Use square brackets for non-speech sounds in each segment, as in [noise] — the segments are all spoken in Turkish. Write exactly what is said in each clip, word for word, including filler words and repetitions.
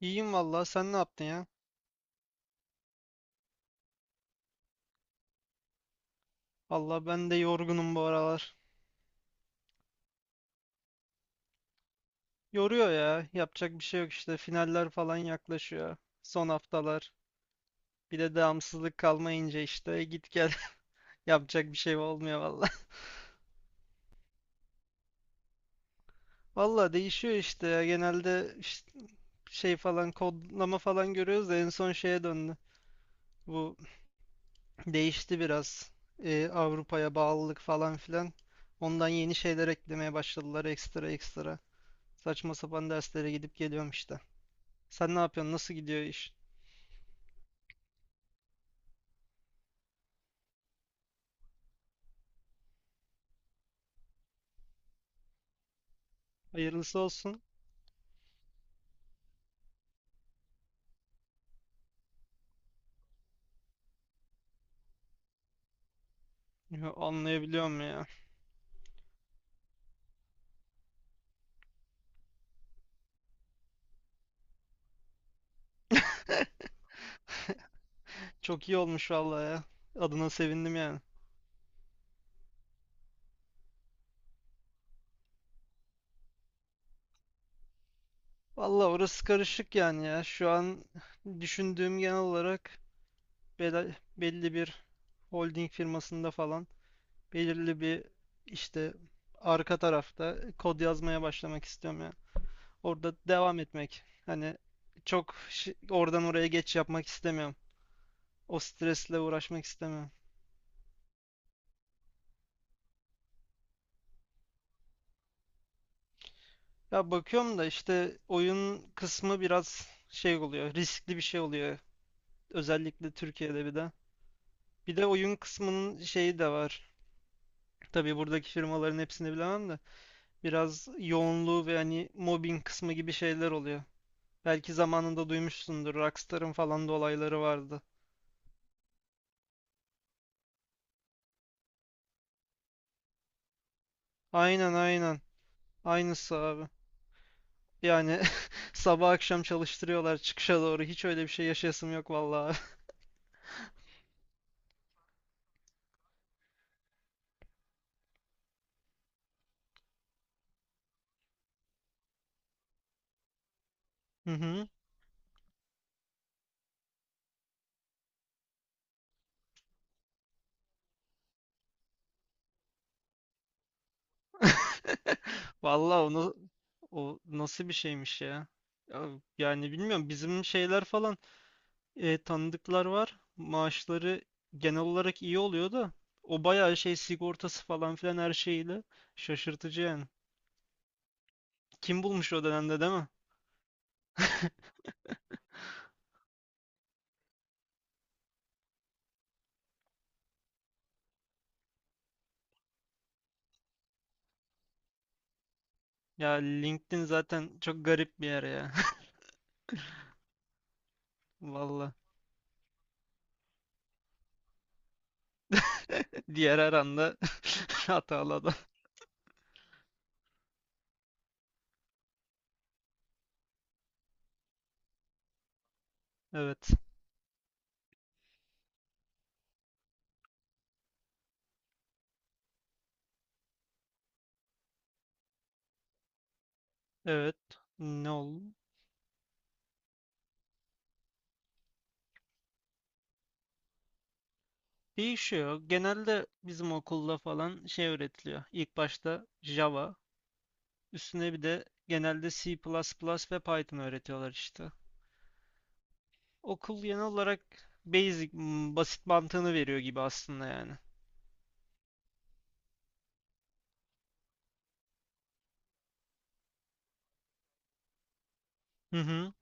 İyiyim valla sen ne yaptın ya? Allah ben de yorgunum bu aralar. Yoruyor ya. Yapacak bir şey yok işte. Finaller falan yaklaşıyor. Son haftalar. Bir de devamsızlık kalmayınca işte git gel. [laughs] Yapacak bir şey olmuyor valla. [laughs] Valla değişiyor işte ya. Genelde işte şey falan kodlama falan görüyoruz da en son şeye döndü. Bu değişti biraz. Ee, Avrupa'ya bağlılık falan filan. Ondan yeni şeyler eklemeye başladılar ekstra ekstra. Saçma sapan derslere gidip geliyorum işte. Sen ne yapıyorsun? Nasıl gidiyor iş? Hayırlısı olsun. Yo, anlayabiliyorum ya. [laughs] Çok iyi olmuş vallahi ya. Adına sevindim yani. Vallahi orası karışık yani ya. Şu an düşündüğüm genel olarak bel- belli bir holding firmasında falan belirli bir işte arka tarafta kod yazmaya başlamak istiyorum ya. Orada devam etmek. Hani çok şi- oradan oraya geç yapmak istemiyorum. O stresle uğraşmak istemiyorum. Ya bakıyorum da işte oyun kısmı biraz şey oluyor, riskli bir şey oluyor. Özellikle Türkiye'de bir de. Bir de oyun kısmının şeyi de var. Tabii buradaki firmaların hepsini bilemem de. Biraz yoğunluğu ve hani mobbing kısmı gibi şeyler oluyor. Belki zamanında duymuşsundur. Rockstar'ın falan da olayları vardı. Aynen, aynen. Aynısı abi. Yani [laughs] sabah akşam çalıştırıyorlar çıkışa doğru. Hiç öyle bir şey yaşayasım yok vallahi. [laughs] Hı hı. [laughs] Vallahi onu, o nasıl bir şeymiş ya? Ya, yani bilmiyorum bizim şeyler falan, e, tanıdıklar var. Maaşları genel olarak iyi oluyor da o bayağı şey sigortası falan filan her şeyiyle şaşırtıcı yani. Kim bulmuş o dönemde değil mi? Ya LinkedIn zaten çok garip bir yer ya. [laughs] Vallahi diğer her anda [laughs] hatalı adam. Evet. Evet. Ne oldu? Değişiyor. Genelde bizim okulda falan şey öğretiliyor. İlk başta Java, üstüne bir de genelde C++ ve Python öğretiyorlar işte. Okul genel olarak basic, m, basit mantığını veriyor gibi aslında yani. Hı hı.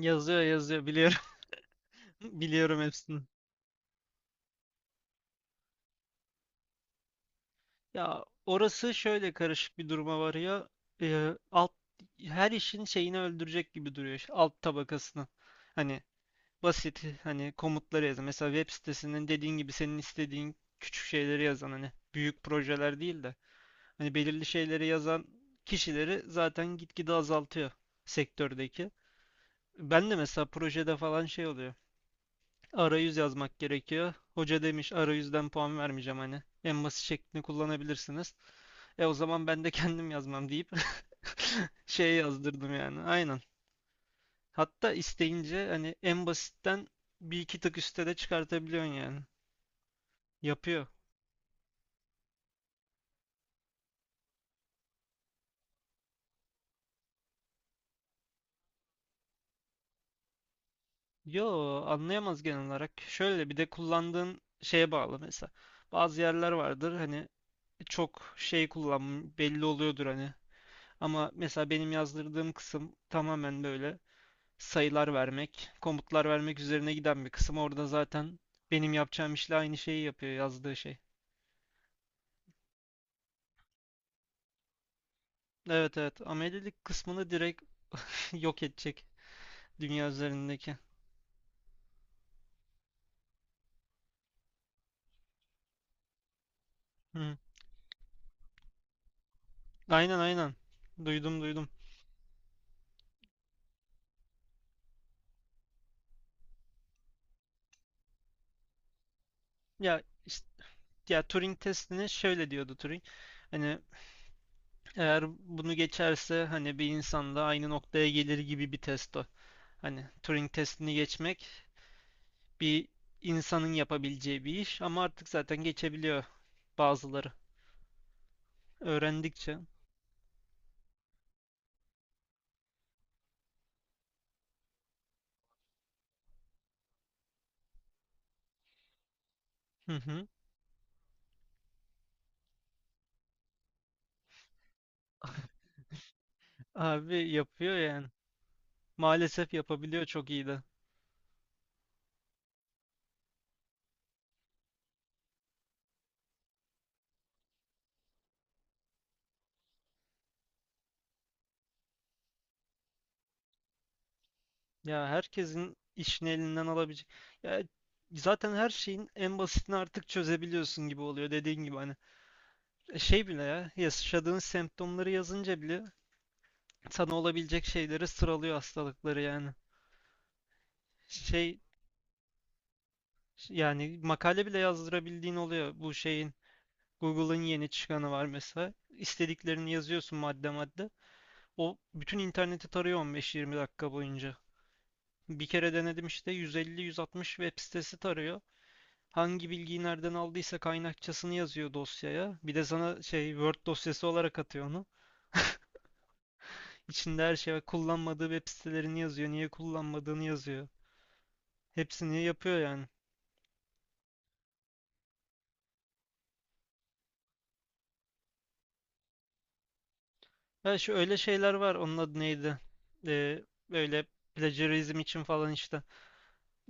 Yazıyor, yazıyor biliyorum. [laughs] Biliyorum hepsini. Ya orası şöyle karışık bir duruma varıyor. Ee, alt, her işin şeyini öldürecek gibi duruyor. İşte, alt tabakasını. Hani basit hani komutları yazan, mesela web sitesinin dediğin gibi senin istediğin küçük şeyleri yazan, hani büyük projeler değil de hani belirli şeyleri yazan kişileri zaten gitgide azaltıyor sektördeki. Ben de mesela projede falan şey oluyor. Arayüz yazmak gerekiyor. Hoca demiş arayüzden puan vermeyeceğim hani. En basit şeklini kullanabilirsiniz. E o zaman ben de [laughs] kendim yazmam deyip [laughs] şey yazdırdım yani. Aynen. Hatta isteyince hani en basitten bir iki tık üstte de çıkartabiliyorsun yani. Yapıyor. Yo, anlayamaz genel olarak. Şöyle bir de kullandığın şeye bağlı mesela. Bazı yerler vardır hani çok şey kullan belli oluyordur hani. Ama mesela benim yazdırdığım kısım tamamen böyle sayılar vermek, komutlar vermek üzerine giden bir kısım. Orada zaten benim yapacağım işle aynı şeyi yapıyor yazdığı şey. Evet, evet, amelilik kısmını direkt [laughs] yok edecek dünya üzerindeki. Hı. Aynen, aynen. Duydum, duydum. Ya işte, ya Turing testini şöyle diyordu Turing. Hani eğer bunu geçerse hani bir insanda aynı noktaya gelir gibi bir test o. Hani Turing testini geçmek bir insanın yapabileceği bir iş ama artık zaten geçebiliyor bazıları. Öğrendikçe. Hı hı. [laughs] Abi yapıyor yani. Maalesef yapabiliyor çok iyi de. Ya herkesin işini elinden alabilecek. Ya zaten her şeyin en basitini artık çözebiliyorsun gibi oluyor dediğin gibi hani. Şey bile ya, yaşadığın semptomları yazınca bile sana olabilecek şeyleri sıralıyor, hastalıkları yani. Şey, yani makale bile yazdırabildiğin oluyor. Bu şeyin, Google'ın yeni çıkanı var mesela. İstediklerini yazıyorsun madde madde. O bütün interneti tarıyor on beş yirmi dakika boyunca. Bir kere denedim işte, yüz elli yüz altmış web sitesi tarıyor. Hangi bilgiyi nereden aldıysa kaynakçasını yazıyor dosyaya. Bir de sana şey Word dosyası olarak atıyor onu. [laughs] İçinde her şey var. Kullanmadığı web sitelerini yazıyor. Niye kullanmadığını yazıyor. Hepsini yapıyor yani. Ha, şu öyle şeyler var. Onun adı neydi? Ee, Böyle plagiarizm için falan işte.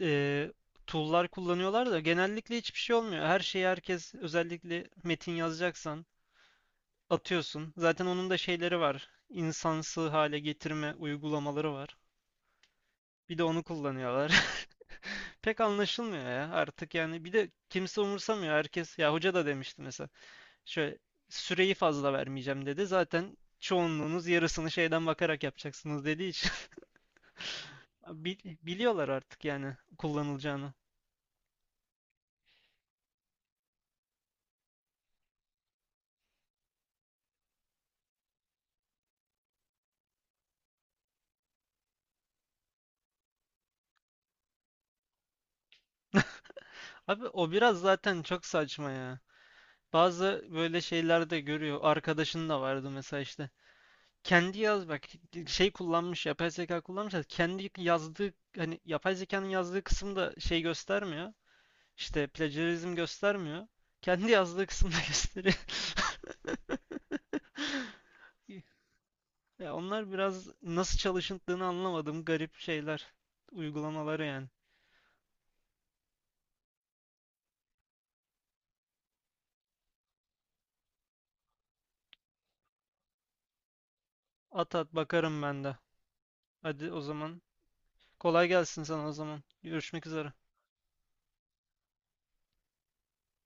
Ee, Tool'lar kullanıyorlar da genellikle hiçbir şey olmuyor. Her şeyi herkes, özellikle metin yazacaksan, atıyorsun. Zaten onun da şeyleri var. İnsansı hale getirme uygulamaları var. Bir de onu kullanıyorlar. [laughs] Pek anlaşılmıyor ya artık yani. Bir de kimse umursamıyor. Herkes, ya hoca da demişti mesela. Şöyle süreyi fazla vermeyeceğim dedi. Zaten çoğunluğunuz yarısını şeyden bakarak yapacaksınız dediği için [laughs] Bil- biliyorlar artık yani kullanılacağını. [laughs] Abi o biraz zaten çok saçma ya. Bazı böyle şeyler de görüyor. Arkadaşın da vardı mesela işte. Kendi yaz bak, şey kullanmış, yapay zeka kullanmış. Da, kendi yazdığı hani yapay zekanın yazdığı kısımda şey göstermiyor. İşte plagiarizm göstermiyor. Kendi yazdığı kısımda [laughs] gösteriyor. [laughs] Ya onlar biraz nasıl çalışıldığını anlamadığım garip şeyler, uygulamaları yani. At at, bakarım ben de. Hadi o zaman. Kolay gelsin sana o zaman. Görüşmek üzere.